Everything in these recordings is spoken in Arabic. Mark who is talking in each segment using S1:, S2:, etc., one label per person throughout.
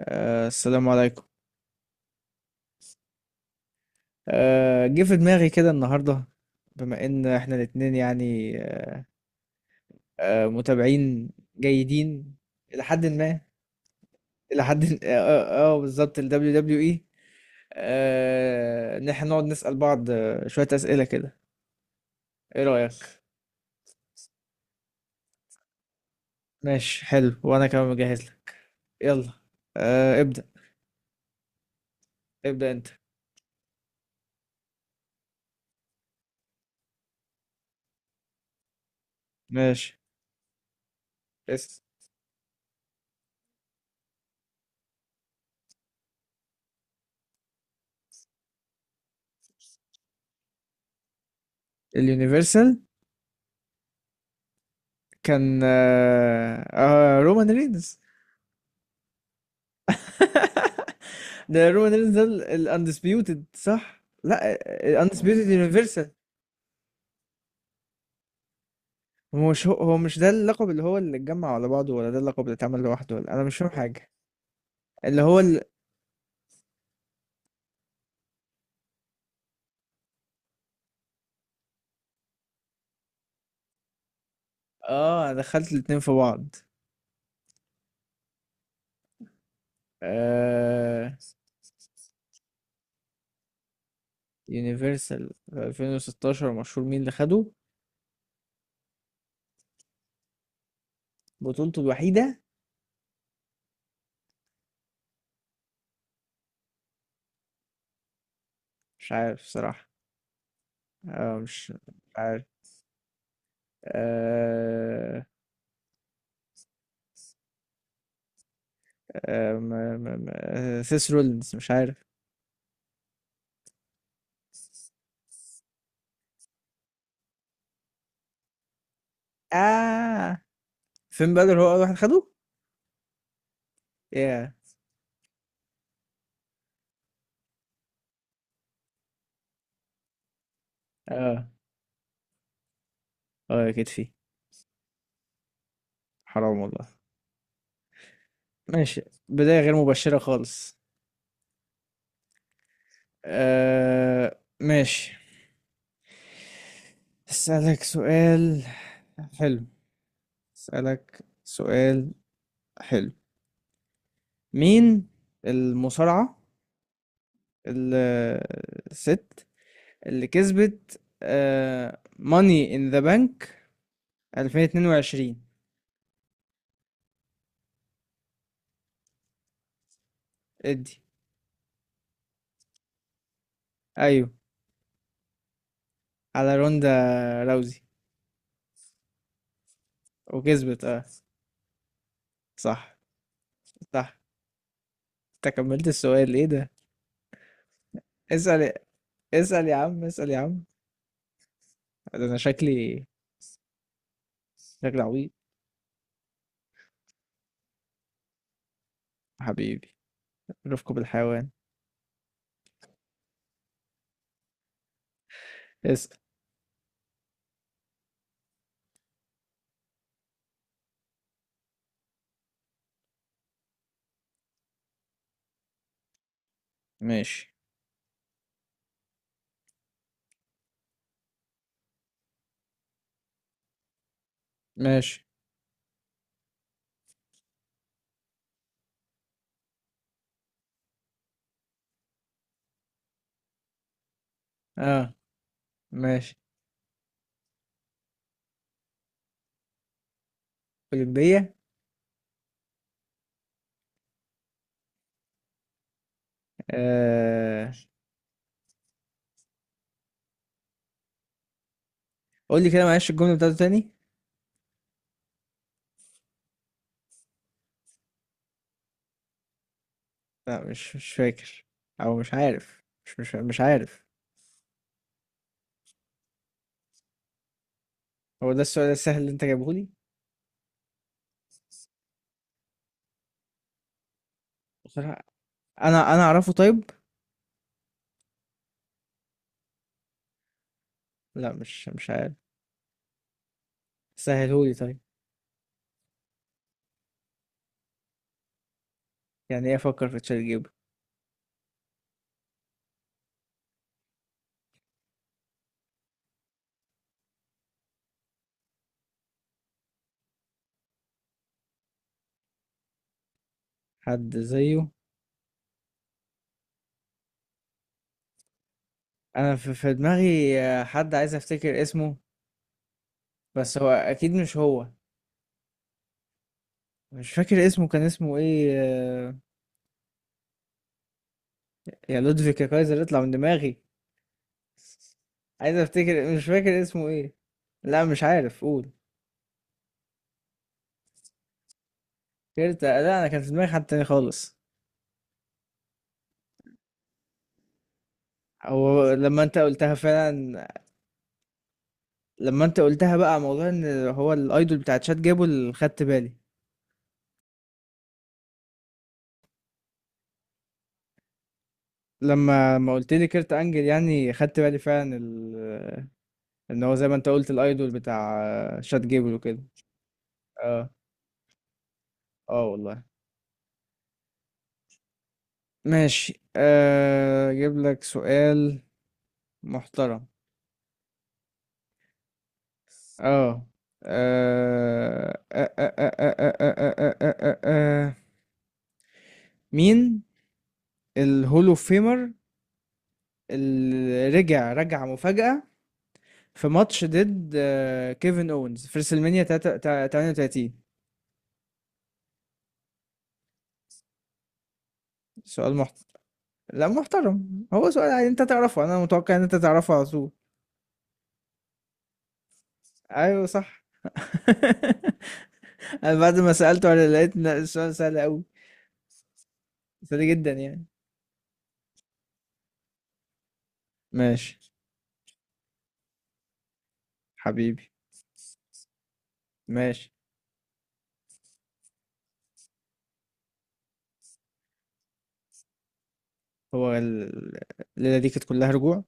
S1: السلام عليكم. جه في دماغي كده النهارده، بما ان احنا الاتنين يعني متابعين، جيدين، الى حد ما. الى حد بالظبط ال WWE. ان احنا نقعد نسأل بعض شوية أسئلة كده. ايه رأيك؟ ماشي حلو، وانا كمان مجهز لك. يلا. ابدأ. ابدأ انت. ماشي، بس. اليونيفرسال كان رومان رينز. ده رومان رينز ده. الاندسبيوتد، صح؟ لا. الاندسبيوتد يونيفرسال. هو مش ده اللقب اللي هو اللي اتجمع على بعضه، ولا ده اللقب اللي اتعمل لوحده، ولا انا مش فاهم حاجه. اللي هو ال... اه انا دخلت الاتنين في بعض. آه... يونيفرسال في 2016 مشهور مين اللي خده؟ بطولته الوحيده. مش عارف صراحه. مش عارف. آه... آه... ما... ما... ما... سيس رولينز، مش عارف. اه فين بدر هو اول واحد خده؟ ياه. اه. اه يا كتفي. حرام والله. ماشي. بداية غير مبشرة خالص. ماشي. اسألك سؤال حلو. اسألك سؤال حلو. مين المصارعة الست اللي كسبت ماني ان ذا بانك 2022؟ ادي. ايوه، على روندا راوزي. وكسبت. اه. صح. صح. انت كملت السؤال؟ ايه ده؟ اسأل. اسأل يا عم، اسأل يا عم. ده انا شكلي، شكلي عبيط. حبيبي، رفقة بالحيوان. اسأل. ماشي. ماشي. اه. ماشي. أولمبية. آه. قول لي كده معلش الجملة بتاعته تاني. لا، مش فاكر. او مش عارف، مش عارف. هو ده السؤال السهل اللي انت جايبه لي؟ بصراحة، انا اعرفه طيب. لا، مش عارف. سهلهولي طيب. يعني ايه افكر في تشات جيب؟ حد زيه؟ انا في دماغي حد عايز افتكر اسمه، بس هو اكيد مش هو. مش فاكر اسمه، كان اسمه ايه يا لودفيك، يا كايزر، اطلع من دماغي. عايز افتكر مش فاكر اسمه ايه. لا مش عارف، قول. كيرتا، لا انا كان في دماغي حد تاني خالص. هو لما انت قلتها فعلا، لما انت قلتها بقى موضوع ان هو الايدول بتاع تشات جابه اللي خدت بالي. لما ما قلت لي كيرت انجل يعني خدت بالي فعلا ال... ان هو زي ما انت قلت الايدول بتاع شات جيبل وكده. اه. اه والله. ماشي، اجيب لك سؤال محترم. اه. آه، آه، آه، آه، آه، آه، آه، آه، آه، آه. آه، آه، آه، مين الهولو فيمر اللي رجع رجع مفاجأة في ماتش ضد كيفن اونز في ريسلمانيا 38؟ سؤال محترم. لا محترم، هو سؤال عادي، انت تعرفه، انا متوقع ان انت تعرفه على طول. ايوه صح. انا بعد ما سألته على لقيت إن السؤال سهل قوي. سهل جدا يعني. ماشي. حبيبي. ماشي. هو ال- الليلة دي كانت كلها رجوع.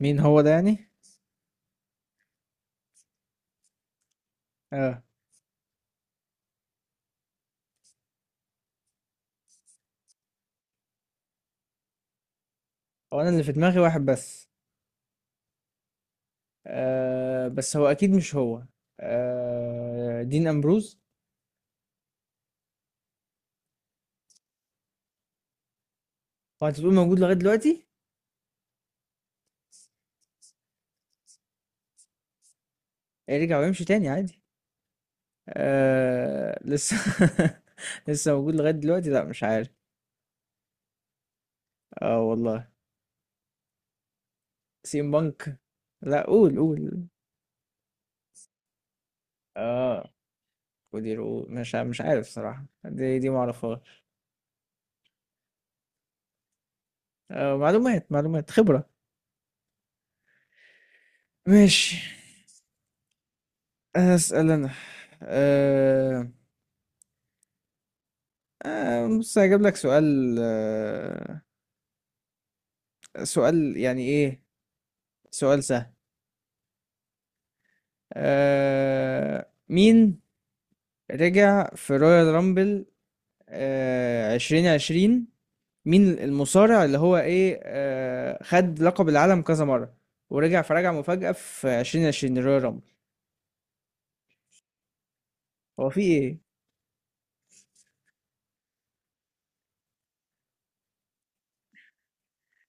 S1: مين هو ده يعني؟ اه. هو انا اللي في دماغي واحد بس. بس هو اكيد مش هو. دين امبروز. هو انت بتقول موجود لغاية دلوقتي؟ يرجع ويمشي تاني عادي. لسه. لسه موجود لغاية دلوقتي؟ لا مش عارف. اه والله. سيم بانك. لا، قول قول. اه. ودي رؤوس، مش عارف صراحة، دي معرفهاش. معلومات، معلومات، خبرة. ماشي. أسأل أنا. أه بص هجيب لك سؤال، سؤال يعني إيه؟ سؤال سهل. مين رجع في رويال رامبل عشرين عشرين؟ مين المصارع اللي هو إيه خد لقب العالم كذا مرة ورجع فرجع مفاجأة في عشرين عشرين رويال رامبل؟ هو في إيه؟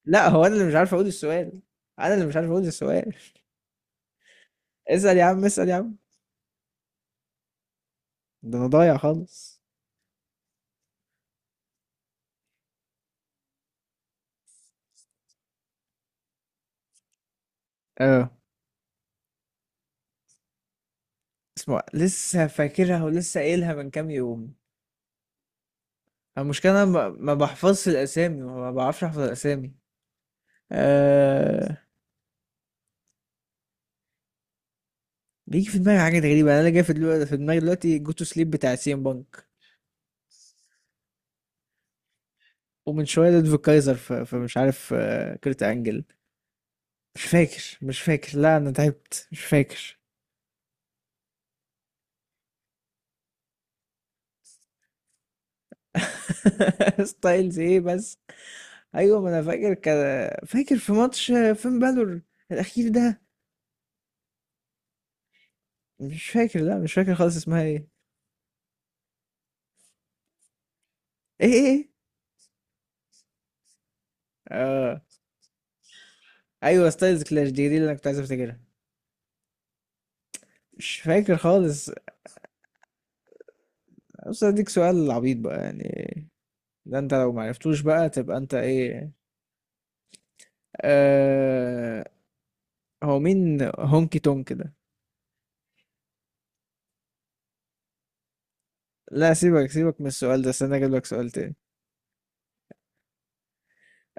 S1: لا هو أنا اللي مش عارف أقول السؤال. أنا اللي مش عارف أقول السؤال. اسأل يا عم، اسأل يا عم. ده أنا ضايع خالص. اه. اسمه لسه فاكرها، ولسه قايلها من كام يوم. المشكلة أنا ما بحفظش الأسامي، ما بعرفش أحفظ الأسامي. أه... بيجي في دماغي حاجات غريبة، يعني أنا اللي جاي في دلوقتي في دماغي دلوقتي جو تو سليب بتاع سي ام بانك، ومن شوية لودفيج كايزر في... في مش عارف كريت أنجل. مش فاكر، مش فاكر، لا أنا تعبت مش فاكر. ستايلز إيه بس؟ أيوة، ما أنا فاكر كده، فاكر في ماتش فين بالور الأخير ده. مش فاكر، لا مش فاكر خالص، اسمها إيه؟ إيه إيه إيه؟ آه. ايوه، ستايلز كلاش، دي اللي انا كنت عايز افتكرها. مش فاكر خالص. بس اديك سؤال عبيط بقى يعني، ده انت لو معرفتوش بقى تبقى انت ايه؟ آه هو مين هونكي تونك ده؟ لا سيبك سيبك من السؤال ده، استنى اجيب لك سؤال تاني.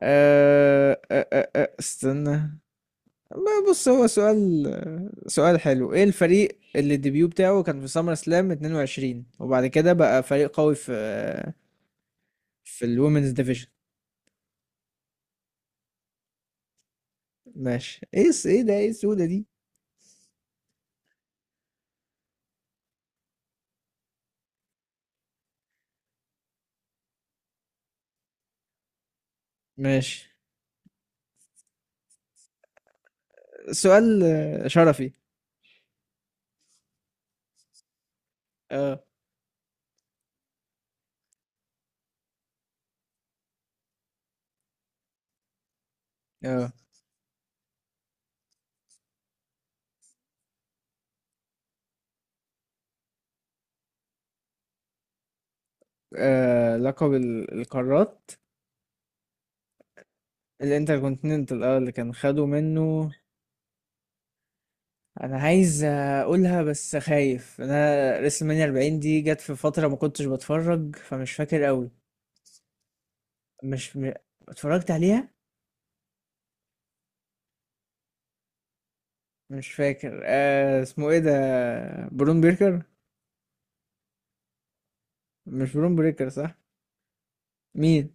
S1: استنى. ما بص هو سؤال، سؤال حلو. ايه الفريق اللي الديبيو بتاعه كان في سمر سلام 22 وبعد كده بقى فريق قوي في الومنز ديفيجن؟ ماشي. ايه ده، ايه السودة دي؟ ماشي، سؤال شرفي. اه. اه. لقب القارات. الانتركونتيننتال، اللي كان خدوا منه. انا عايز اقولها بس خايف، انا ريسل مانيا 40 دي جت في فتره ما كنتش بتفرج فمش فاكر قوي. مش م... اتفرجت عليها. مش فاكر اسمه ايه ده. برون بيركر. مش برون بريكر، صح؟ مين؟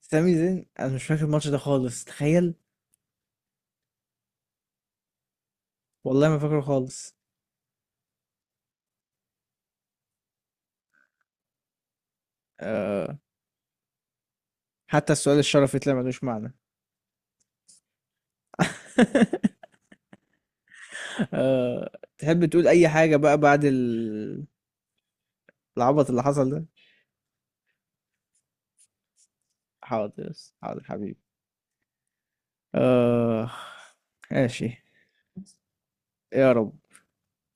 S1: سامي زين، انا مش فاكر الماتش ده خالص، تخيل. والله ما فاكره خالص. آه حتى السؤال الشرفي طلع ملوش معنى. آه، تحب تقول اي حاجة بقى بعد العبط اللي حصل ده؟ حاضر. حاضر حبيبي. آه ماشي. يا رب.